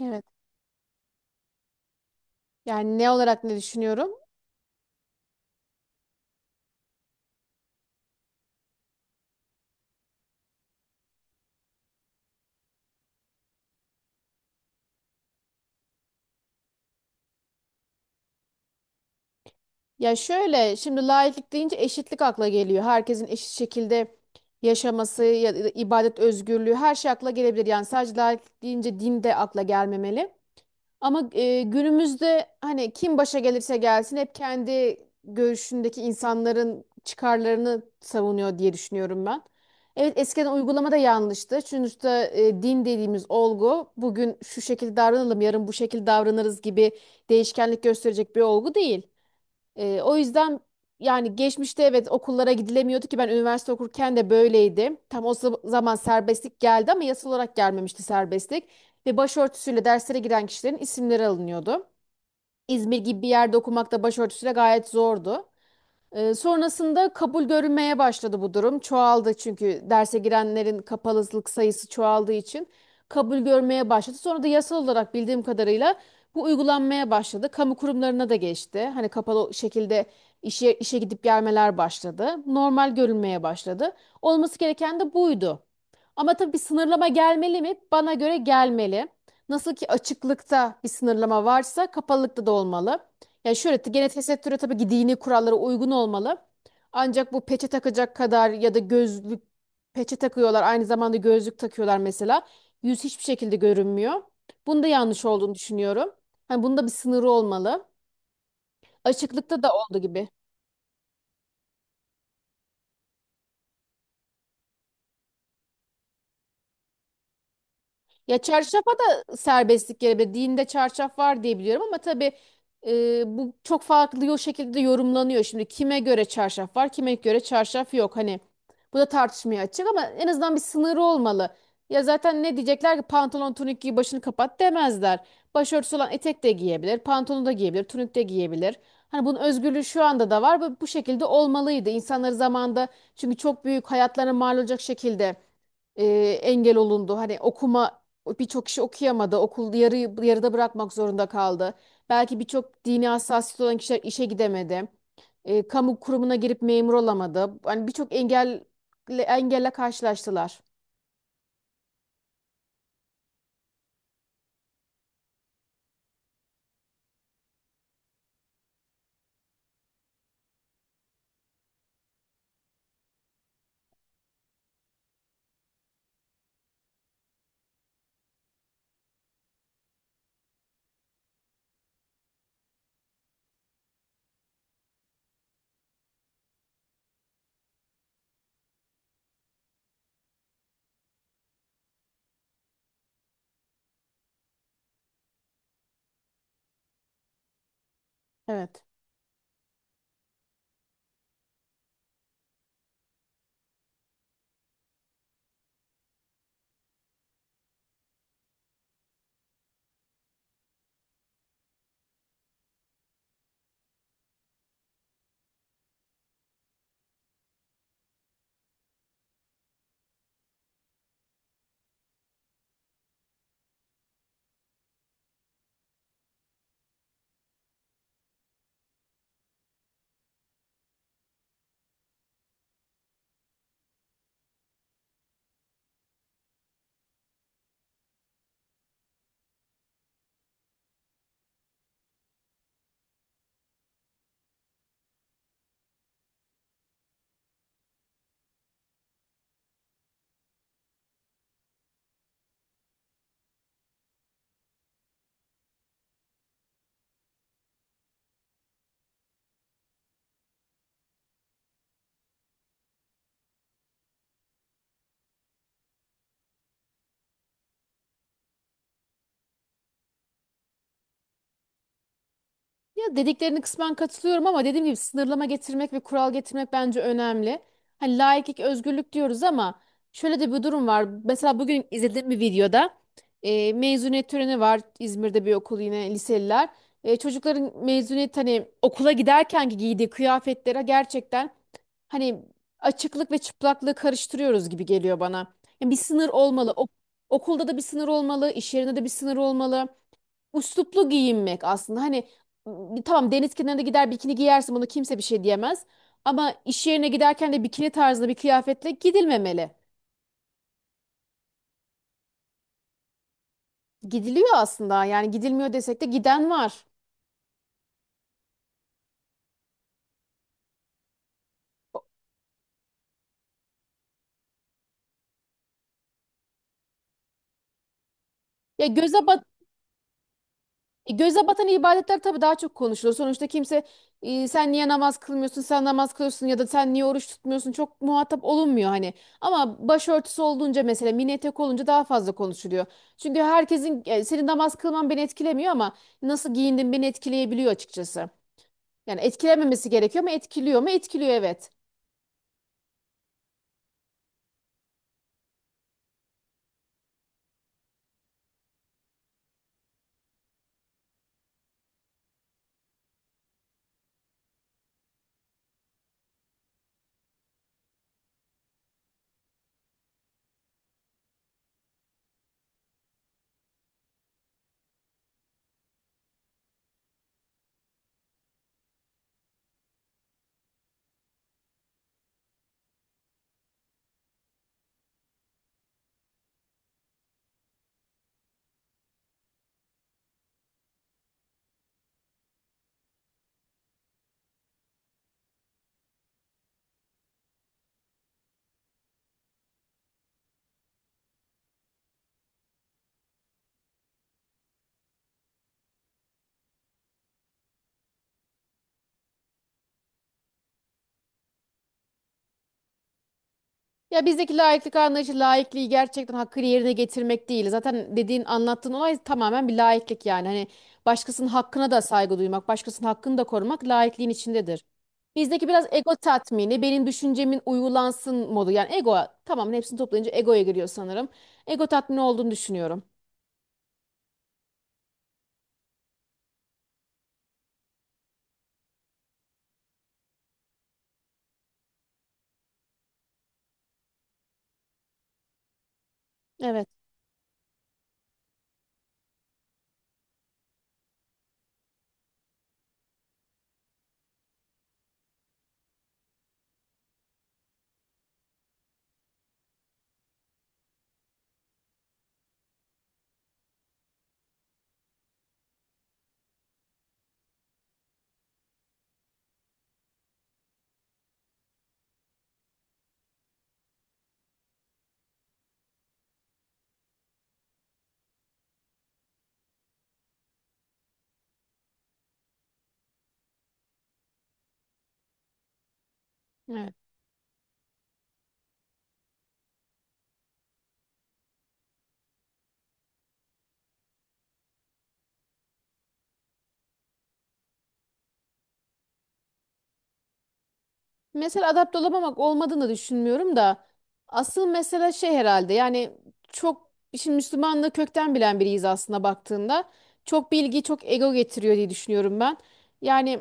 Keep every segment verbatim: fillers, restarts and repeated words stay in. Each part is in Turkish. Evet. Yani ne olarak ne düşünüyorum? Ya şöyle, şimdi laiklik deyince eşitlik akla geliyor. Herkesin eşit şekilde yaşaması ya da ibadet özgürlüğü, her şey akla gelebilir. Yani sadece laiklik deyince din de akla gelmemeli. Ama e, günümüzde hani kim başa gelirse gelsin hep kendi görüşündeki insanların çıkarlarını savunuyor diye düşünüyorum ben. Evet, eskiden uygulamada yanlıştı. Sonuçta e, din dediğimiz olgu bugün şu şekilde davranalım yarın bu şekilde davranırız gibi değişkenlik gösterecek bir olgu değil. Ee, o yüzden yani geçmişte evet okullara gidilemiyordu ki ben üniversite okurken de böyleydi. Tam o za- zaman serbestlik geldi ama yasal olarak gelmemişti serbestlik. Ve başörtüsüyle derslere giren kişilerin isimleri alınıyordu. İzmir gibi bir yerde okumak da başörtüsüyle gayet zordu. Ee, sonrasında kabul görünmeye başladı bu durum. Çoğaldı, çünkü derse girenlerin kapalılık sayısı çoğaldığı için kabul görmeye başladı. Sonra da yasal olarak bildiğim kadarıyla bu uygulanmaya başladı. Kamu kurumlarına da geçti. Hani kapalı şekilde işe işe gidip gelmeler başladı. Normal görünmeye başladı. Olması gereken de buydu. Ama tabii bir sınırlama gelmeli mi? Bana göre gelmeli. Nasıl ki açıklıkta bir sınırlama varsa kapalılıkta da olmalı. Ya şöyle, t- gene tesettüre tabii ki dini kurallara uygun olmalı. Ancak bu peçe takacak kadar ya da gözlük, peçe takıyorlar aynı zamanda gözlük takıyorlar mesela. Yüz hiçbir şekilde görünmüyor. Bunda yanlış olduğunu düşünüyorum. Hani bunda bir sınırı olmalı. Açıklıkta da olduğu gibi. Ya çarşafa da serbestlik gelebilir. Dinde çarşaf var diye biliyorum ama tabii e, bu çok farklı o şekilde yorumlanıyor. Şimdi kime göre çarşaf var, kime göre çarşaf yok. Hani bu da tartışmaya açık ama en azından bir sınırı olmalı. Ya zaten ne diyecekler ki, pantolon tunik giy başını kapat demezler. Başörtüsü olan etek de giyebilir, pantolonu da giyebilir, tunik de giyebilir. Hani bunun özgürlüğü şu anda da var ve bu şekilde olmalıydı. İnsanları zamanda, çünkü çok büyük hayatlarına mal olacak şekilde e, engel olundu. Hani okuma, birçok kişi okuyamadı. Okul yarı, yarıda bırakmak zorunda kaldı. Belki birçok dini hassasiyet olan kişiler işe gidemedi. E, kamu kurumuna girip memur olamadı. Hani birçok engelle, engelle karşılaştılar. Evet. Ya dediklerine kısmen katılıyorum ama dediğim gibi sınırlama getirmek ve kural getirmek bence önemli. Hani laiklik, özgürlük diyoruz ama şöyle de bir durum var. Mesela bugün izlediğim bir videoda e, mezuniyet töreni var, İzmir'de bir okul, yine liseliler. E, çocukların mezuniyet hani okula giderken ki giydiği kıyafetlere gerçekten hani açıklık ve çıplaklığı karıştırıyoruz gibi geliyor bana. Yani bir sınır olmalı. Ok- okulda da bir sınır olmalı, iş yerinde de bir sınır olmalı. Üsluplu giyinmek aslında. Hani m, tamam, deniz kenarında gider bikini giyersin, bunu kimse bir şey diyemez. Ama iş yerine giderken de bikini tarzında bir kıyafetle gidilmemeli. Gidiliyor aslında, yani gidilmiyor desek de giden var. Ya göze bat E, Göze batan ibadetler tabii daha çok konuşulur. Sonuçta kimse e, sen niye namaz kılmıyorsun, sen namaz kılıyorsun ya da sen niye oruç tutmuyorsun çok muhatap olunmuyor hani. Ama başörtüsü olduğunca, mesela mini etek olunca daha fazla konuşuluyor. Çünkü herkesin e, senin namaz kılman beni etkilemiyor ama nasıl giyindin beni etkileyebiliyor açıkçası. Yani etkilememesi gerekiyor mu? Etkiliyor mu? Etkiliyor, evet. Ya bizdeki laiklik anlayışı laikliği gerçekten hakkını yerine getirmek değil. Zaten dediğin anlattığın olay tamamen bir laiklik yani. Hani başkasının hakkına da saygı duymak, başkasının hakkını da korumak laikliğin içindedir. Bizdeki biraz ego tatmini, benim düşüncemin uygulansın modu. Yani ego, tamamen hepsini toplayınca egoya giriyor sanırım. Ego tatmini olduğunu düşünüyorum. Evet. Evet. Mesela adapte olamamak olmadığını düşünmüyorum da asıl mesele şey herhalde, yani çok, şimdi Müslümanlığı kökten bilen biriyiz aslında baktığında. Çok bilgi çok ego getiriyor diye düşünüyorum ben. Yani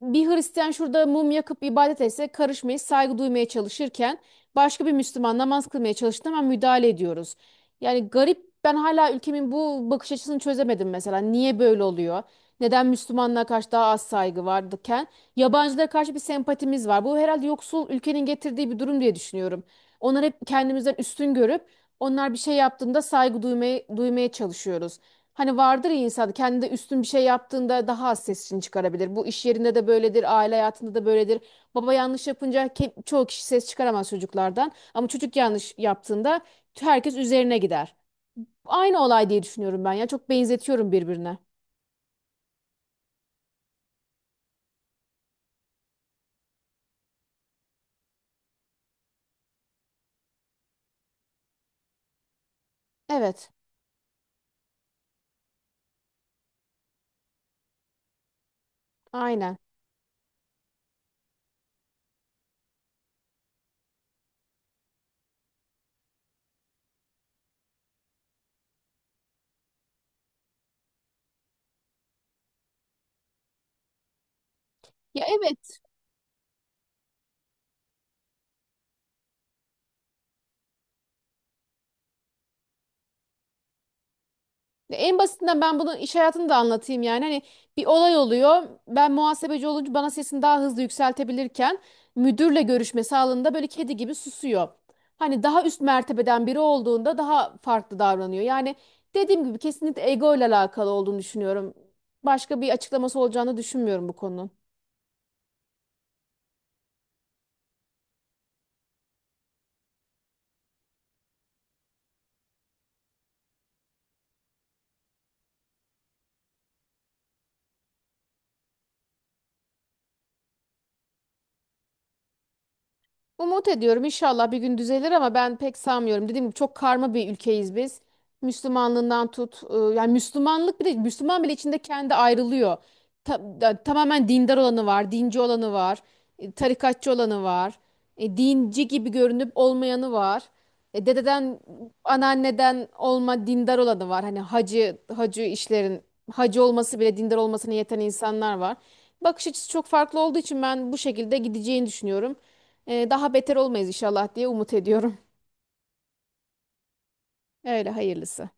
bir Hristiyan şurada mum yakıp ibadet etse karışmayı, saygı duymaya çalışırken başka bir Müslüman namaz kılmaya çalıştığında hemen müdahale ediyoruz. Yani garip, ben hala ülkemin bu bakış açısını çözemedim mesela. Niye böyle oluyor? Neden Müslümanlara karşı daha az saygı vardıken yabancılara karşı bir sempatimiz var. Bu herhalde yoksul ülkenin getirdiği bir durum diye düşünüyorum. Onları hep kendimizden üstün görüp onlar bir şey yaptığında saygı duymaya, duymaya çalışıyoruz. Hani vardır ya, insan kendi üstün bir şey yaptığında daha az sesini çıkarabilir. Bu iş yerinde de böyledir, aile hayatında da böyledir. Baba yanlış yapınca ke- çoğu kişi ses çıkaramaz çocuklardan. Ama çocuk yanlış yaptığında herkes üzerine gider. Aynı olay diye düşünüyorum ben ya. Çok benzetiyorum birbirine. Evet, aynen. Ya evet. En basitinden ben bunu iş hayatını da anlatayım yani. Hani bir olay oluyor. Ben muhasebeci olunca bana sesini daha hızlı yükseltebilirken müdürle görüşmesi halinde böyle kedi gibi susuyor. Hani daha üst mertebeden biri olduğunda daha farklı davranıyor. Yani dediğim gibi kesinlikle ego ile alakalı olduğunu düşünüyorum. Başka bir açıklaması olacağını düşünmüyorum bu konunun. Umut ediyorum inşallah bir gün düzelir ama ben pek sanmıyorum. Dediğim gibi çok karma bir ülkeyiz biz. Müslümanlığından tut, e, yani Müslümanlık bile, Müslüman bile içinde kendi ayrılıyor. Ta- da- tamamen dindar olanı var, dinci olanı var, e, tarikatçı olanı var, e, dinci gibi görünüp olmayanı var. E, dededen, anneanneden olma dindar olanı var. Hani hacı, hacı işlerin hacı olması bile dindar olmasına yeten insanlar var. Bakış açısı çok farklı olduğu için ben bu şekilde gideceğini düşünüyorum. E, daha beter olmayız inşallah diye umut ediyorum. Öyle hayırlısı.